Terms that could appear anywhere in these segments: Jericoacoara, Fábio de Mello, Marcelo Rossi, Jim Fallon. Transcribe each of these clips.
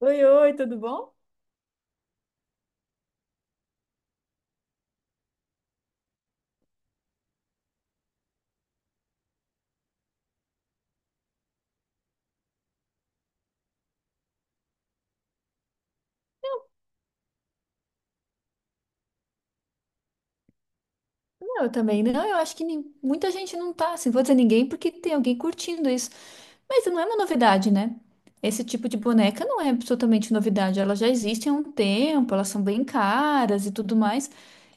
Oi, oi, tudo bom? Não, eu também não. Eu acho que muita gente não tá, assim, vou dizer ninguém porque tem alguém curtindo isso. Mas não é uma novidade, né? Esse tipo de boneca não é absolutamente novidade. Ela já existe há um tempo, elas são bem caras e tudo mais.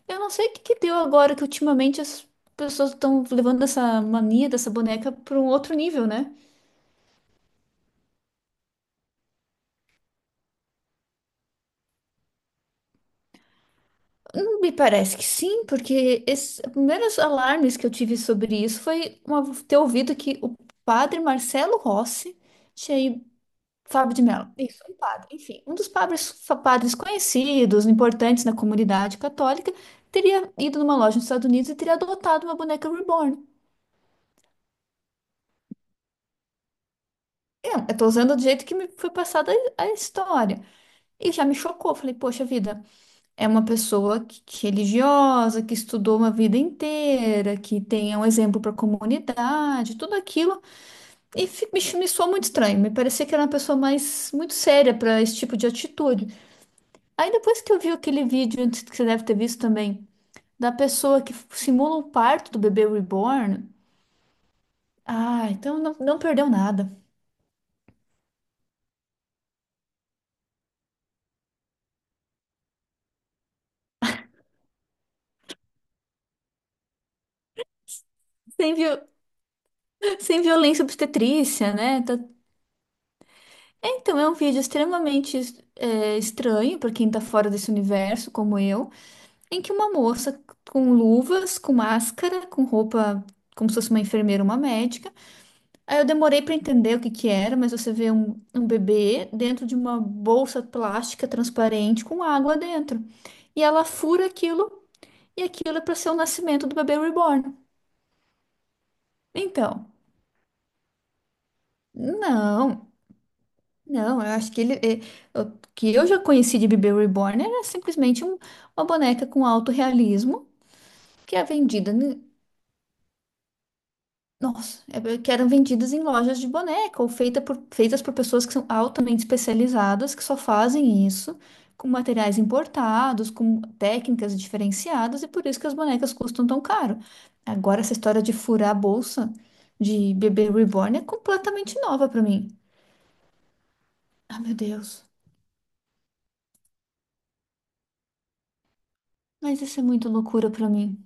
Eu não sei o que que deu agora que ultimamente as pessoas estão levando essa mania dessa boneca para um outro nível, né? Me parece que sim, porque esses primeiros alarmes que eu tive sobre isso foi ter ouvido que o padre Marcelo Rossi tinha ido, Fábio de Mello, isso, um padre, enfim, um dos padres, padres conhecidos, importantes na comunidade católica, teria ido numa loja nos Estados Unidos e teria adotado uma boneca reborn. Eu tô usando do jeito que me foi passada a história. E já me chocou, falei, poxa vida. É uma pessoa que religiosa, que estudou uma vida inteira, que tem um exemplo para a comunidade, tudo aquilo. E me soou muito estranho. Me parecia que era uma pessoa mais muito séria para esse tipo de atitude. Aí depois que eu vi aquele vídeo, antes que você deve ter visto também, da pessoa que simula o parto do bebê reborn. Ah, então não, não perdeu nada. Sem, viol, Sem violência obstetrícia, né? Então, é um vídeo extremamente estranho para quem tá fora desse universo, como eu, em que uma moça com luvas, com máscara, com roupa como se fosse uma enfermeira, uma médica. Aí eu demorei para entender o que que era, mas você vê um bebê dentro de uma bolsa plástica transparente com água dentro. E ela fura aquilo, e aquilo é para ser o nascimento do bebê reborn. Então, não. Não, eu acho que o que eu já conheci de bebê reborn era simplesmente uma boneca com alto realismo que é vendida. Nossa, que eram vendidas em lojas de boneca ou feitas por pessoas que são altamente especializadas, que só fazem isso com materiais importados, com técnicas diferenciadas, e por isso que as bonecas custam tão caro. Agora, essa história de furar a bolsa de bebê reborn é completamente nova pra mim. Ah, meu Deus. Mas isso é muito loucura pra mim.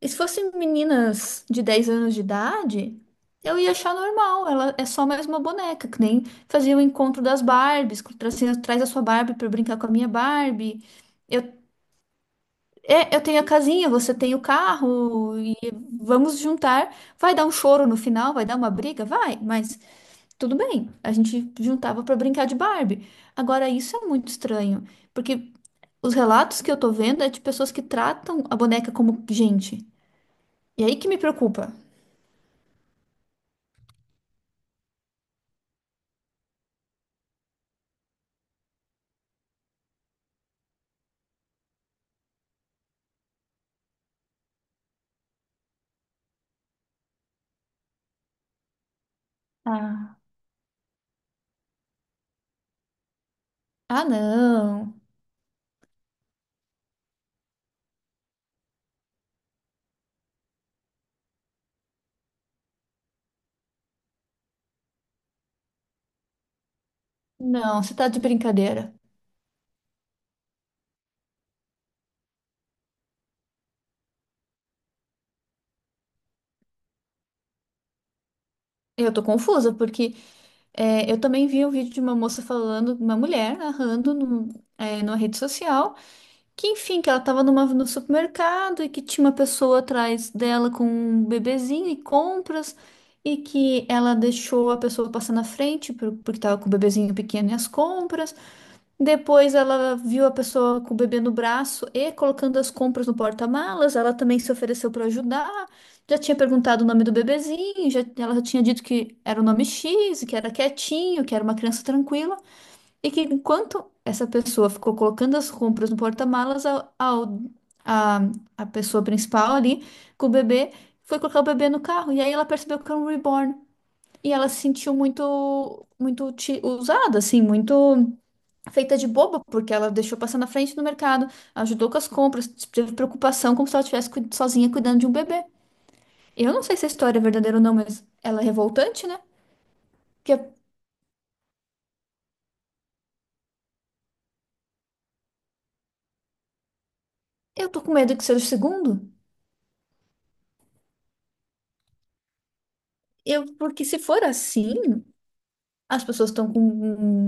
E se fossem meninas de 10 anos de idade, eu ia achar normal. Ela é só mais uma boneca, que nem fazia o encontro das Barbies, que traz a sua Barbie para brincar com a minha Barbie. Eu, eu tenho a casinha, você tem o carro, e vamos juntar. Vai dar um choro no final, vai dar uma briga, vai, mas tudo bem. A gente juntava para brincar de Barbie. Agora, isso é muito estranho, porque os relatos que eu tô vendo é de pessoas que tratam a boneca como gente. E aí que me preocupa. Ah, ah, não. Não, você tá de brincadeira. Eu tô confusa, porque eu também vi um vídeo de uma moça falando, uma mulher narrando numa rede social, que enfim, que ela tava no supermercado e que tinha uma pessoa atrás dela com um bebezinho e compras, e que ela deixou a pessoa passar na frente porque tava com o bebezinho pequeno e as compras. Depois ela viu a pessoa com o bebê no braço e colocando as compras no porta-malas. Ela também se ofereceu para ajudar. Já tinha perguntado o nome do bebezinho, já, ela já tinha dito que era o nome X, e que era quietinho, que era uma criança tranquila. E que enquanto essa pessoa ficou colocando as compras no porta-malas, a a pessoa principal ali com o bebê foi colocar o bebê no carro. E aí ela percebeu que era um reborn. E ela se sentiu muito, muito usada, assim, muito feita de boba, porque ela deixou passar na frente do mercado, ajudou com as compras, teve preocupação como se ela estivesse sozinha cuidando de um bebê. Eu não sei se a história é verdadeira ou não, mas ela é revoltante, né? Porque eu tô com medo que seja o segundo. Porque se for assim, as pessoas estão com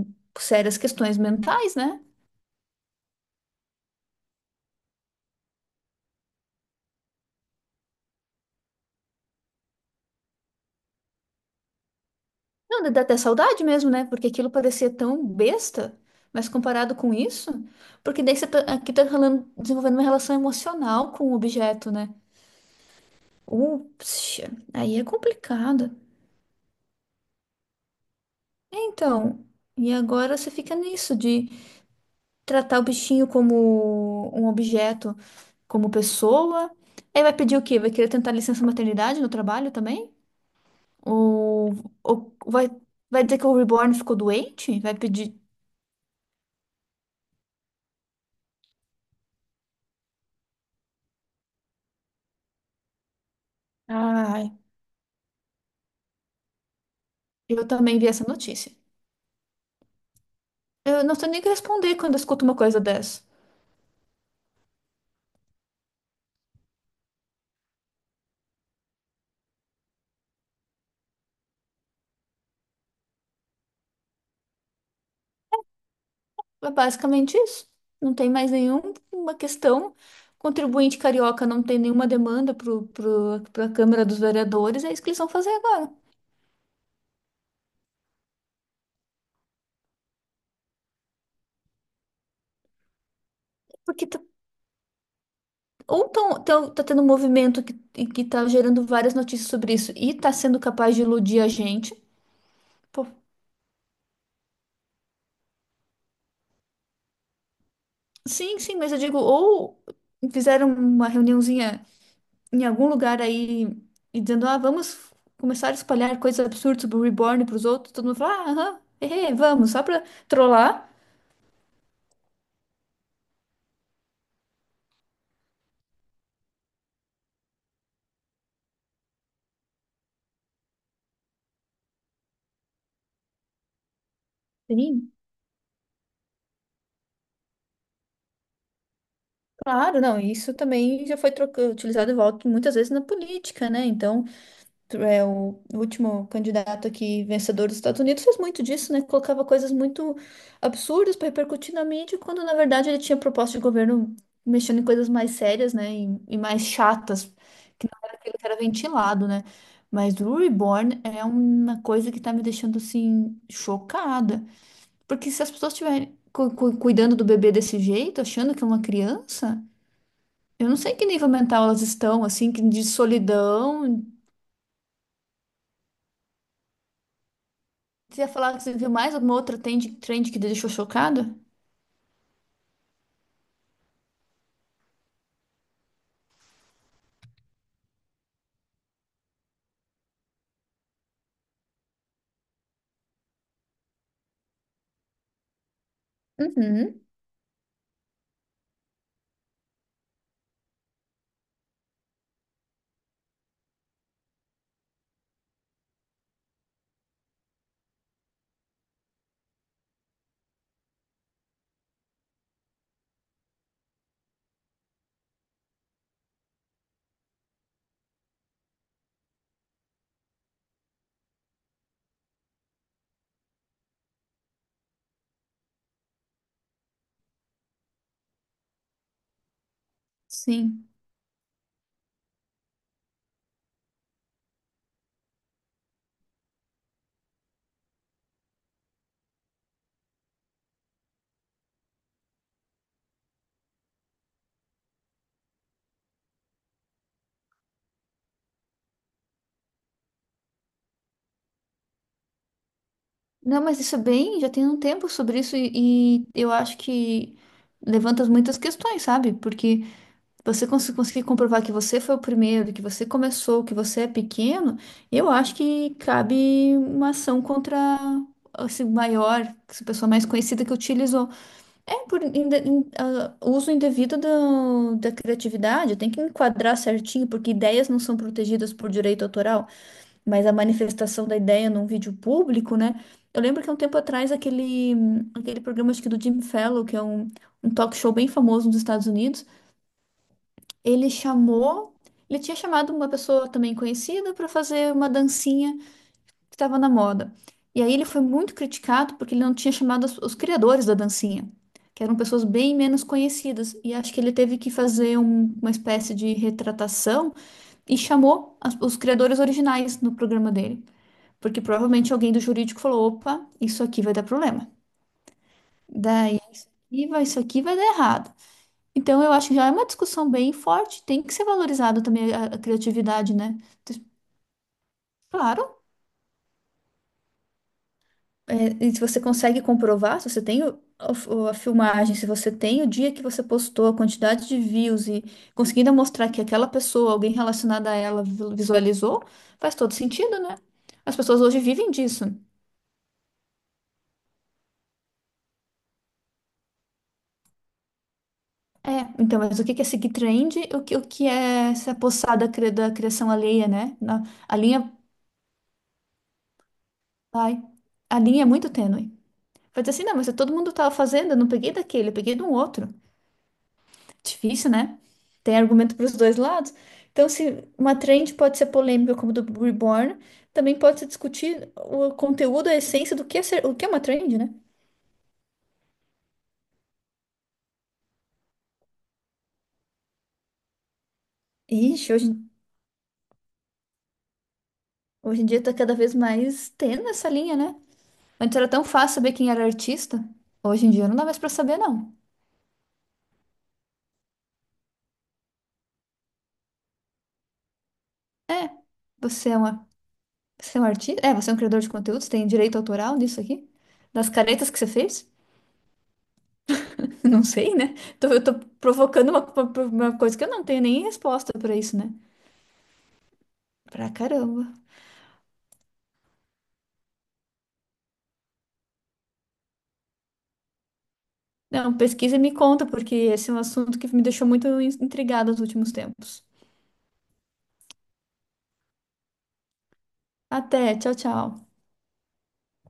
sérias questões mentais, né? Não, dá até saudade mesmo, né? Porque aquilo parecia tão besta, mas comparado com isso, porque daí aqui tá desenvolvendo uma relação emocional com o objeto, né? Ups, aí é complicado. Então, e agora você fica nisso de tratar o bichinho como um objeto, como pessoa. Aí vai pedir o quê? Vai querer tentar licença maternidade no trabalho também? Ou, ou vai dizer que o Reborn ficou doente? Vai pedir. Ai, eu também vi essa notícia. Eu não sei nem o que responder quando eu escuto uma coisa dessa. É basicamente isso. Não tem mais nenhuma questão. Contribuinte carioca não tem nenhuma demanda para a Câmara dos Vereadores, é isso que eles vão fazer agora. Porque tá, tá tendo um movimento e que tá gerando várias notícias sobre isso e tá sendo capaz de iludir a gente. Pô, sim, sim, mas eu digo, ou fizeram uma reuniãozinha em algum lugar aí e dizendo, ah, vamos começar a espalhar coisas absurdas sobre o Reborn para os outros, todo mundo fala, ah, aham, hehe, vamos, só para trollar. Sim. Claro, não, isso também já foi utilizado e volta muitas vezes na política, né? Então, o último candidato aqui, vencedor dos Estados Unidos, fez muito disso, né? Colocava coisas muito absurdas para repercutir na mídia, quando na verdade ele tinha proposta de governo mexendo em coisas mais sérias, né? E mais chatas, que não era aquilo que era ventilado, né? Mas o Reborn é uma coisa que tá me deixando assim chocada, porque se as pessoas estiverem cuidando do bebê desse jeito, achando que é uma criança. Eu não sei que nível mental elas estão, assim, que de solidão. Você ia falar que você viu mais alguma outra trend que te deixou chocada? Uhum. Sim. Não, mas isso é bem, já tem um tempo sobre isso e eu acho que levanta muitas questões, sabe? Porque você conseguir comprovar que você foi o primeiro, que você começou, que você é pequeno, eu acho que cabe uma ação contra esse maior, essa pessoa mais conhecida que utilizou. É por uso indevido da criatividade, tem que enquadrar certinho, porque ideias não são protegidas por direito autoral, mas a manifestação da ideia num vídeo público, né? Eu lembro que há um tempo atrás aquele programa, acho que do Jim Fallon, que é um talk show bem famoso nos Estados Unidos, ele chamou, ele tinha chamado uma pessoa também conhecida para fazer uma dancinha que estava na moda. E aí ele foi muito criticado porque ele não tinha chamado os criadores da dancinha, que eram pessoas bem menos conhecidas. E acho que ele teve que fazer uma espécie de retratação e chamou os criadores originais no programa dele. Porque provavelmente alguém do jurídico falou: opa, isso aqui vai dar problema. Daí vai, isso aqui vai dar errado. Então eu acho que já é uma discussão bem forte, tem que ser valorizado também a criatividade, né? Claro. É, e se você consegue comprovar, se você tem a filmagem, se você tem o dia que você postou, a quantidade de views e conseguindo mostrar que aquela pessoa, alguém relacionado a ela, visualizou, faz todo sentido, né? As pessoas hoje vivem disso. É, então, mas o que que é seguir trend? O que é se apossar da criação alheia, né? A linha, ai, a linha é muito tênue. Vai dizer assim, não, mas todo mundo estava fazendo, eu não peguei daquele, eu peguei de um outro. Difícil, né? Tem argumento para os dois lados. Então, se uma trend pode ser polêmica, como do Reborn, também pode se discutir o conteúdo, a essência do que é ser, o que é uma trend, né? Ixi, hoje em dia tá cada vez mais tendo essa linha, né? Antes era tão fácil saber quem era artista. Hoje em dia não dá mais pra saber, não. É, você é uma, você é um artista? É, você é um criador de conteúdos, tem direito autoral nisso aqui? Das caretas que você fez? Não sei, né? Eu tô provocando uma coisa que eu não tenho nem resposta pra isso, né? Pra caramba. Não, pesquisa e me conta, porque esse é um assunto que me deixou muito intrigada nos últimos tempos. Até, tchau, tchau.